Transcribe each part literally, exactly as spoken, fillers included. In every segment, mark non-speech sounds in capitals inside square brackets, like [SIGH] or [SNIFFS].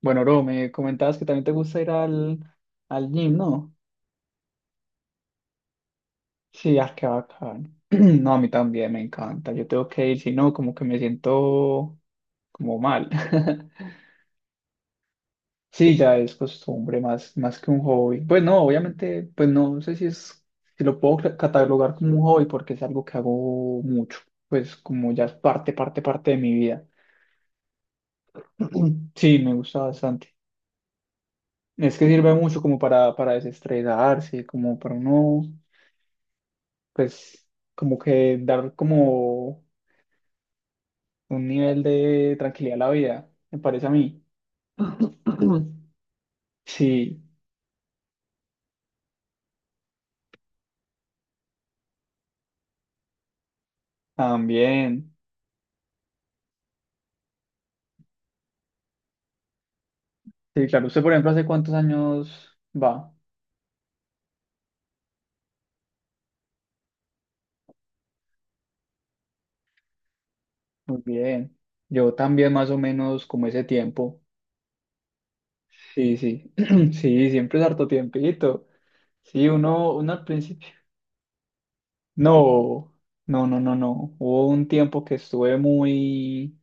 Bueno, Ro, me comentabas que también te gusta ir al, al gym, ¿no? Sí, ah, qué bacán. [CLEARS THROAT] No, a mí también me encanta. Yo tengo que ir, si no, como que me siento como mal. [LAUGHS] Sí, ya es costumbre más, más que un hobby. Pues no, obviamente, pues no sé si es, si lo puedo cla- catalogar como un hobby porque es algo que hago mucho. Pues como ya es parte, parte, parte de mi vida. [CLEARS THROAT] Sí, me gusta bastante. Es que sirve mucho como para, para desestresarse, como para uno pues como que dar como un nivel de tranquilidad a la vida, me parece a mí. [COUGHS] [CLEARS THROAT] Sí, también. Sí, claro, usted por ejemplo, ¿hace cuántos años va? Muy bien. Yo también más o menos como ese tiempo. Sí, sí. [CLEARS THROAT] Sí, siempre es harto tiempito. Sí, uno, uno al principio. No, no, no, no, no. Hubo un tiempo que estuve muy.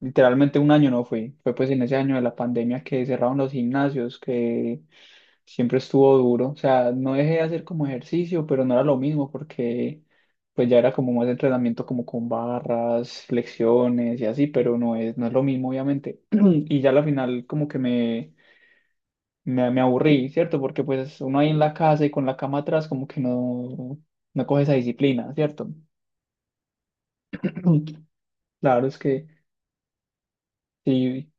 Literalmente un año no fui. Fue pues en ese año de la pandemia que cerraron los gimnasios, que siempre estuvo duro. O sea, no dejé de hacer como ejercicio, pero no era lo mismo porque pues ya era como más entrenamiento como con barras, flexiones y así, pero no es, no es lo mismo obviamente. [CLEARS THROAT] Y ya al final como que me, me, me aburrí, ¿cierto? Porque pues uno ahí en la casa y con la cama atrás como que no, no coge esa disciplina, ¿cierto? [CLEARS THROAT] Claro, es que sí.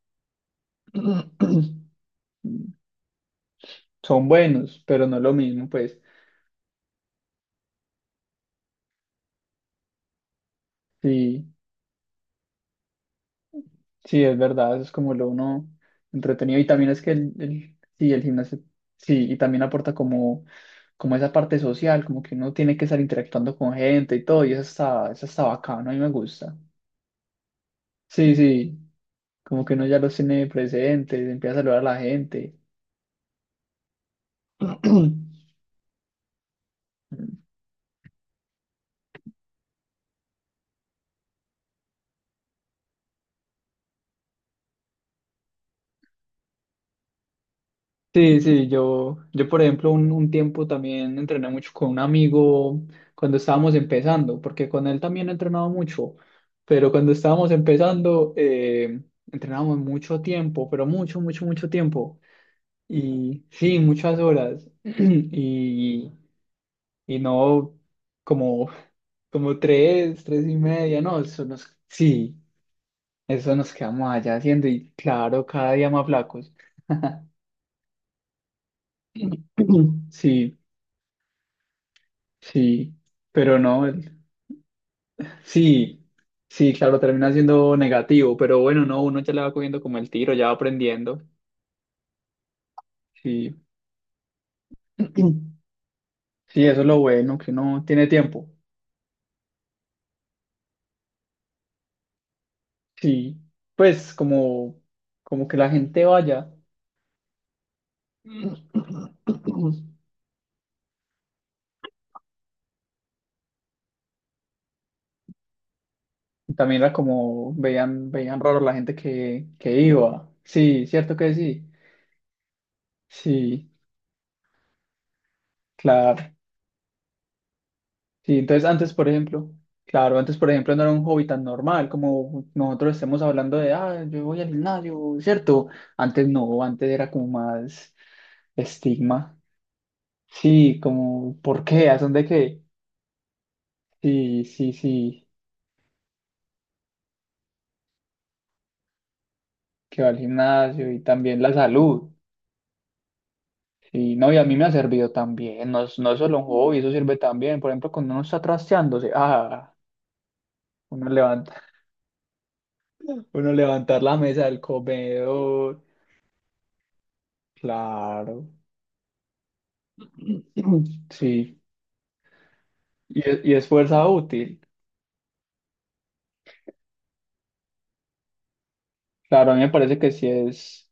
[CLEARS THROAT] Son buenos, pero no es lo mismo, pues. Sí, sí, es verdad, eso es como lo uno entretenido. Y también es que el, el- sí, el gimnasio, sí, y también aporta como, como esa parte social, como que uno tiene que estar interactuando con gente y todo, y eso está, eso está bacano, a mí me gusta. Sí, sí, como que uno ya los tiene presentes, empieza a saludar a la gente. [CLEARS THROAT] Sí, sí, yo, yo por ejemplo un, un tiempo también entrené mucho con un amigo cuando estábamos empezando, porque con él también he entrenado mucho, pero cuando estábamos empezando eh, entrenábamos mucho tiempo, pero mucho, mucho, mucho tiempo. Y sí, muchas horas. [CLEARS THROAT] Y, y no como, como tres, tres y media, no, eso nos, sí, eso nos quedamos allá haciendo y claro, cada día más flacos. [CLEARS THROAT] Sí. Sí, pero no, el- sí, sí, claro, termina siendo negativo, pero bueno, no, uno ya le va cogiendo como el tiro, ya va aprendiendo. Sí, [CLEARS THROAT] sí, eso es lo bueno, que uno tiene tiempo. Sí, pues como, como que la gente vaya. [CLEARS THROAT] También era como, veían, veían raro la gente que, que iba. Sí, cierto que sí. Sí, claro. Sí, entonces antes, por ejemplo, claro, antes, por ejemplo, no era un hobby tan normal como nosotros estemos hablando de, ah, yo voy al gimnasio, ¿cierto? Antes no, antes era como más estigma. Sí, como, ¿por qué? ¿A dónde qué? Sí, sí, sí, que va al gimnasio y también la salud. Sí, no, y a mí me ha servido también, no es, no es solo un hobby, eso sirve también. Por ejemplo, cuando uno está trasteándose, ah, uno levanta, [LAUGHS] uno levantar la mesa del comedor, claro. Sí, y es, y es fuerza útil. Claro, a mí me parece que sí es,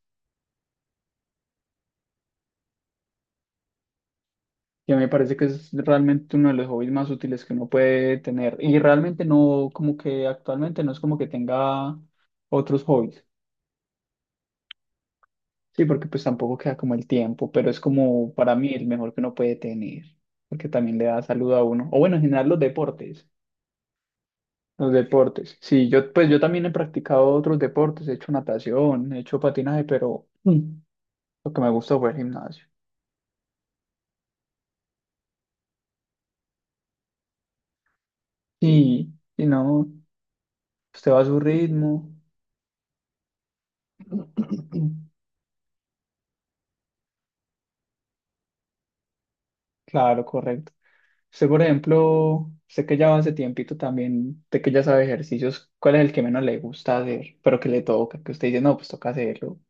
y a mí me parece que es realmente uno de los hobbies más útiles que uno puede tener. Y realmente no, como que actualmente no es como que tenga otros hobbies. Sí, porque pues tampoco queda como el tiempo, pero es como para mí el mejor que uno puede tener, porque también le da salud a uno. O bueno, en general los deportes. Los deportes. Sí, yo pues yo también he practicado otros deportes, he hecho natación, he hecho patinaje, pero mm, lo que me gusta fue el gimnasio. Sí, y no, usted va a su ritmo. [CLEARS THROAT] Claro, correcto. Usted, por ejemplo, usted que ya va hace tiempito también, de que ya sabe ejercicios, ¿cuál es el que menos le gusta hacer, pero que le toca? Que usted dice, no, pues toca hacerlo. [LAUGHS]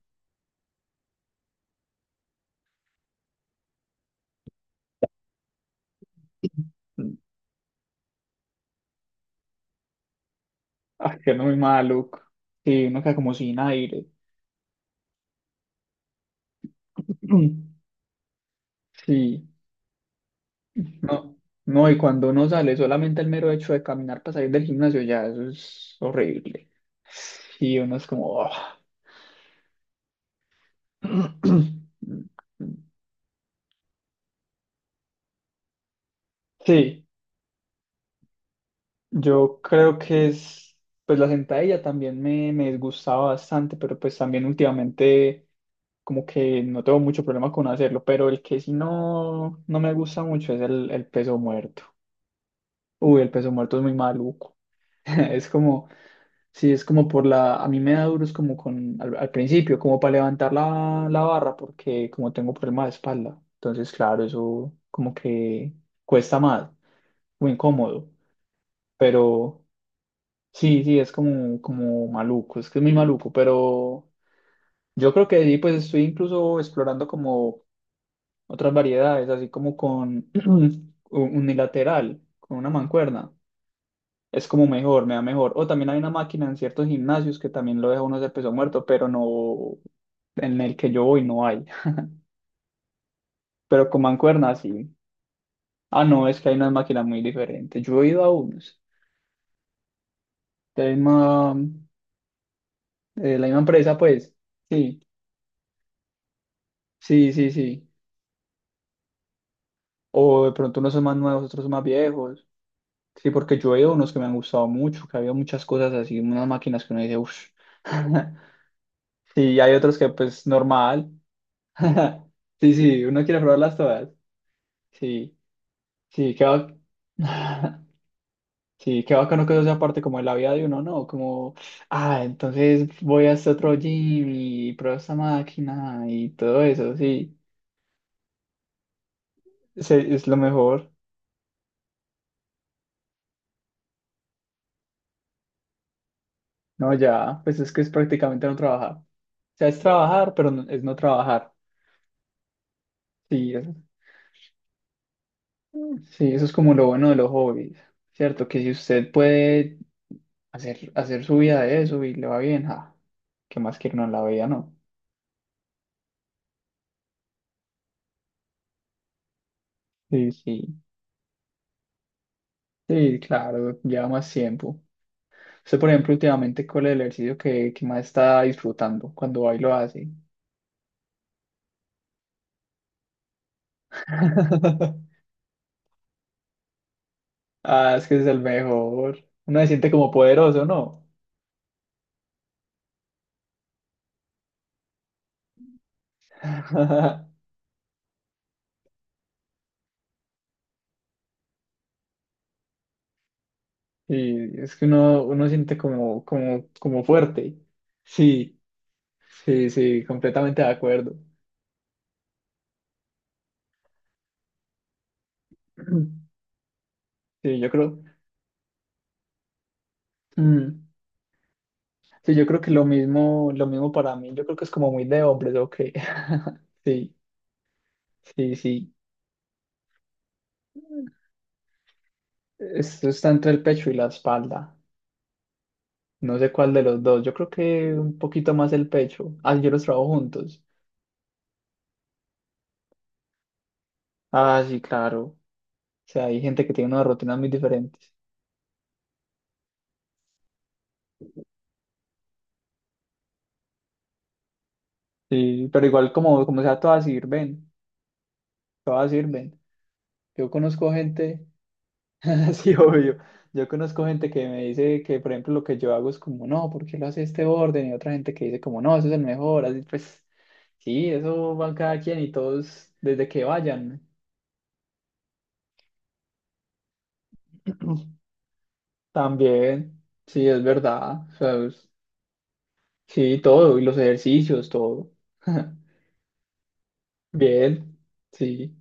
Mm. Ay, que no muy maluco. Sí, uno queda como sin aire. [CLEARS THROAT] Mm. Sí, no, no, y cuando uno sale, solamente el mero hecho de caminar para salir del gimnasio, ya, eso es horrible. Sí uno es como, "Oh". [CLEARS THROAT] Sí, yo creo que es, pues la sentadilla también me, me disgustaba bastante, pero pues también últimamente como que no tengo mucho problema con hacerlo, pero el que sí no, no me gusta mucho es el, el peso muerto. Uy, el peso muerto es muy maluco. [LAUGHS] Es como, sí, es como por la, a mí me da duro es como con, al, al principio, como para levantar la, la barra, porque como tengo problema de espalda, entonces claro, eso como que cuesta más, muy incómodo, pero... Sí, sí, es como, como maluco, es que es muy maluco, pero yo creo que ahí pues estoy incluso explorando como otras variedades, así como con [CLEARS THROAT] un- unilateral, con una mancuerna, es como mejor, me da mejor. O también hay una máquina en ciertos gimnasios que también lo deja uno de peso muerto, pero no, en el que yo voy no hay, [LAUGHS] pero con mancuerna sí. Ah, no, es que hay unas máquinas muy diferentes, yo he ido a unos, de la misma, de la misma empresa pues, sí, sí, sí, sí. O de pronto unos son más nuevos, otros son más viejos. Sí, porque yo veo unos que me han gustado mucho, que había muchas cosas así, unas máquinas que uno dice, uff. [LAUGHS] Sí, hay otros que pues normal. [LAUGHS] Sí, sí, uno quiere probarlas todas. Sí, sí, qué va. [LAUGHS] Sí, qué bacano que eso sea parte como de la vida de uno, ¿no? Como, ah, entonces voy a este otro gym y pruebo esta máquina y todo eso, sí. Se- es lo mejor. No, ya, pues es que es prácticamente no trabajar. O sea, es trabajar, pero no- es no trabajar. Sí, eso, sí, eso es como lo bueno de los hobbies, ¿cierto? Que si usted puede hacer, hacer su vida de eso y le va bien, ja, ¿qué más quiere uno en la vida, no? Sí, sí, sí, claro, lleva más tiempo. Usted, por ejemplo, últimamente, ¿cuál es el ejercicio que, que más está disfrutando cuando va y lo hace? [LAUGHS] Ah, es que es el mejor. Uno se siente como poderoso, ¿no? [LAUGHS] Y es que uno, uno siente como, como, como fuerte. Sí, sí, sí, completamente de acuerdo. [CLEARS THROAT] Sí, yo creo, mm, sí, yo creo que lo mismo, lo mismo para mí. Yo creo que es como muy de hombres, ok. [LAUGHS] Sí, sí, sí. Esto está entre el pecho y la espalda. No sé cuál de los dos. Yo creo que un poquito más el pecho. Ah, yo los trabajo juntos. Ah, sí, claro. O sea, hay gente que tiene unas rutinas muy diferentes. Sí, pero igual como, como sea, todas sirven. Todas sirven. Yo conozco gente, [LAUGHS] sí, obvio, yo conozco gente que me dice que, por ejemplo, lo que yo hago es como, no, ¿por qué lo hace este orden? Y otra gente que dice como, no, eso es el mejor, así pues, sí, eso van cada quien y todos desde que vayan. [CLEARS THROAT] También, sí, es verdad, o sea, es- sí, todo, y los ejercicios, todo. [LAUGHS] Bien, sí.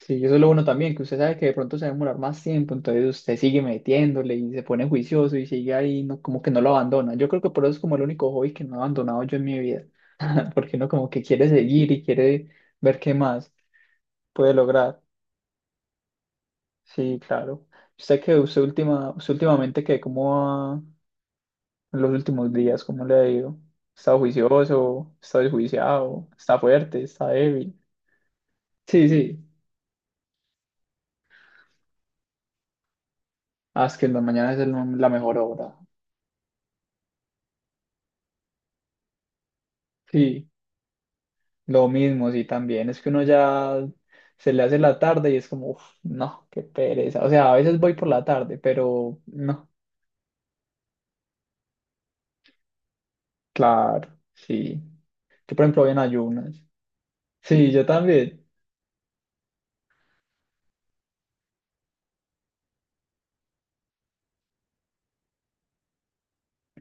Sí, eso es lo bueno también, que usted sabe que de pronto se va a demorar más tiempo, entonces usted sigue metiéndole y se pone juicioso y sigue ahí, no, como que no lo abandona. Yo creo que por eso es como el único hobby que no he abandonado yo en mi vida, [LAUGHS] porque uno como que quiere seguir y quiere ver qué más puede lograr. Sí, claro. Usted que usted última, usted últimamente que cómo va en los últimos días, ¿cómo le ha ido? ¿Está juicioso? ¿Está desjuiciado? ¿Está fuerte? ¿Está débil? Sí, sí. Ah, es que en la mañana es el- la mejor hora. Sí. Lo mismo, sí, también. Es que uno ya se le hace la tarde y es como, uff, no, qué pereza. O sea, a veces voy por la tarde, pero no, claro, sí. Yo, por ejemplo, voy en ayunas. Sí, yo también.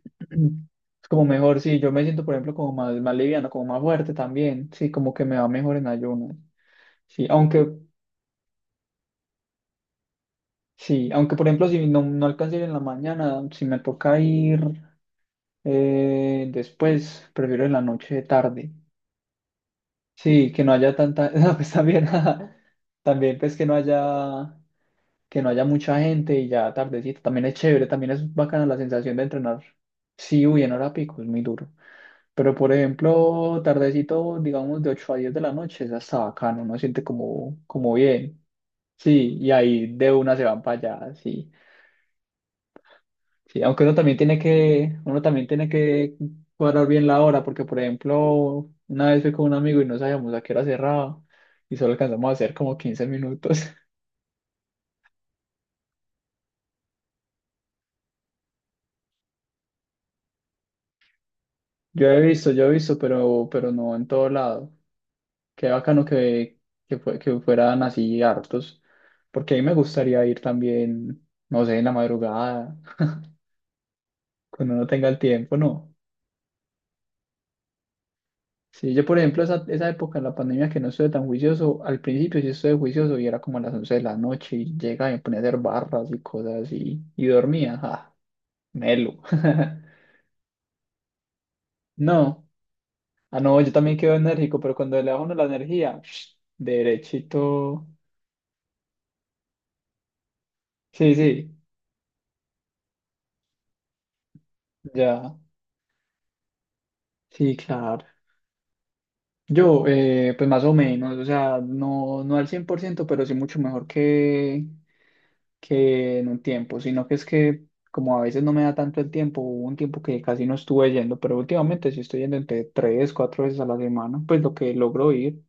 [CLEARS THROAT] Es como mejor, sí. Yo me siento, por ejemplo, como más, más liviano, como más fuerte también. Sí, como que me va mejor en ayunas. Sí, aunque, sí, aunque, por ejemplo, si no, no alcanzo a ir en la mañana, si me toca ir eh, después, prefiero en la noche tarde. Sí, que no haya tanta, [LAUGHS] no, pues también, [LAUGHS] también pues que no haya, que no haya mucha gente y ya tardecito, también es chévere, también es bacana la sensación de entrenar, sí, uy, en hora pico, es muy duro, pero por ejemplo, tardecito, digamos de ocho a diez de la noche, es hasta bacano, uno siente como, como bien, sí, y ahí de una se van para allá, sí. Sí, aunque uno también tiene que, uno también tiene que cuadrar bien la hora, porque por ejemplo, una vez fui con un amigo y no sabíamos a qué hora cerraba y solo alcanzamos a hacer como quince minutos. [LAUGHS] Yo he visto, yo he visto, pero, pero no en todo lado. Qué bacano que, que, fue- que fueran así hartos, porque a mí me gustaría ir también, no sé, en la madrugada, [LAUGHS] cuando uno tenga el tiempo, ¿no? Sí, yo por ejemplo esa, esa época en la pandemia que no estuve tan juicioso, al principio sí estuve juicioso y era como a las once de la noche y llegaba y me ponía a hacer barras y cosas así y dormía, ah, melo. [LAUGHS] No, ah no, yo también quedo enérgico, pero cuando le bajo uno la energía, [SNIFFS] derechito. Sí, sí, ya, sí, claro. Yo, eh, pues más o menos, o sea, no, no al cien por ciento, pero sí mucho mejor que, que en un tiempo, sino que es que como a veces no me da tanto el tiempo, hubo un tiempo que casi no estuve yendo, pero últimamente sí estoy yendo entre tres, cuatro veces a la semana, pues lo que logro ir,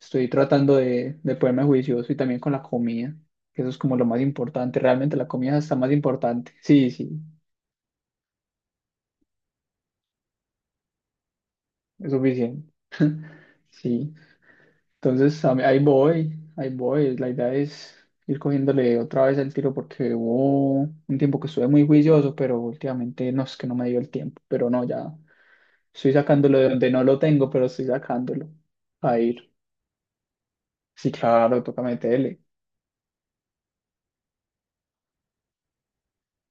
estoy tratando de, de ponerme juicioso y también con la comida, que eso es como lo más importante, realmente la comida está más importante, sí, sí, es suficiente, [LAUGHS] sí. Entonces, a mí- ahí voy, ahí voy. La idea es ir cogiéndole otra vez el tiro porque hubo un tiempo que estuve muy juicioso, pero últimamente no es que no me dio el tiempo. Pero no, ya estoy sacándolo de donde no lo tengo, pero estoy sacándolo a ir. Sí, claro, toca meterle.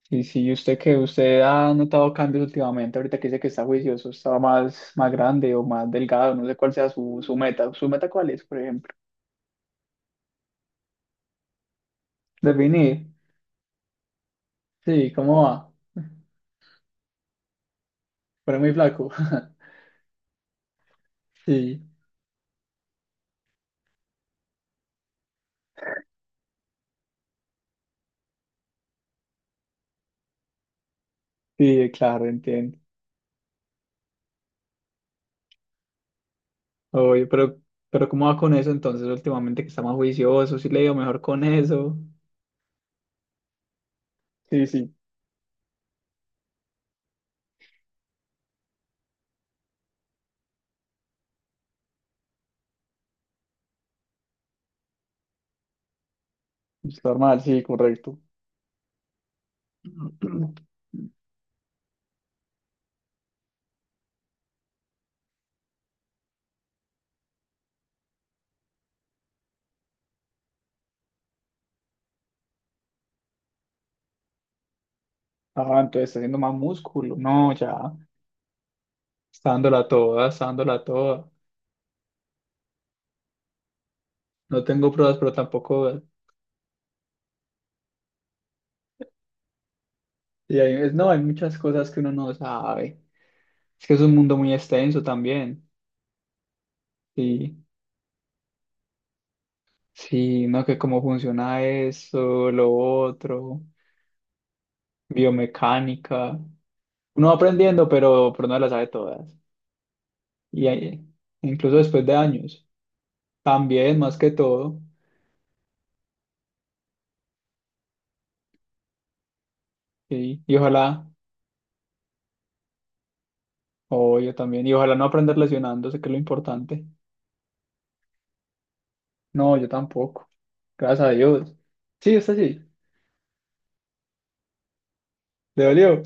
Y sí, usted que usted ha notado cambios últimamente, ahorita que dice que está juicioso, estaba más, más grande o más delgado, no sé cuál sea su, su meta. ¿Su meta cuál es, por ejemplo? Definir. Sí, ¿cómo va? Pero muy flaco. [LAUGHS] Sí. Sí, claro, entiendo. Oye, pero, pero ¿cómo va con eso entonces últimamente que está más juicioso? ¿Sí le ha ido mejor con eso? Sí, sí, es normal, sí, correcto. [CLEARS THROAT] Ah, entonces está haciendo más músculo. No, ya. Está dándola toda, está dándola toda. No tengo pruebas, pero tampoco. Y hay- es- no, hay muchas cosas que uno no sabe. Es que es un mundo muy extenso también. Sí, sí, no, que cómo funciona eso, lo otro, biomecánica. Uno va aprendiendo, pero, pero no las sabe todas. Y ahí, incluso después de años, también, más que todo. Y, y ojalá, o yo también, y ojalá no aprender lesionándose, que es lo importante. No, yo tampoco. Gracias a Dios. Sí, está sí. ¿Le dolió?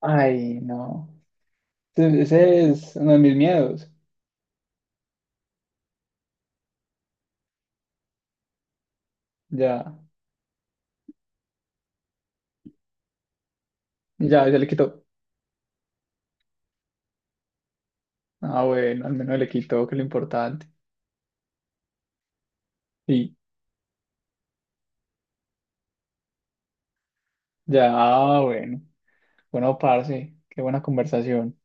Ay, no. Ese ese es uno de mis miedos. Ya, ya, ya le quitó. Ah, bueno, al menos le quitó, que es lo importante. Y ya, ah, bueno. Bueno, parce, qué buena conversación.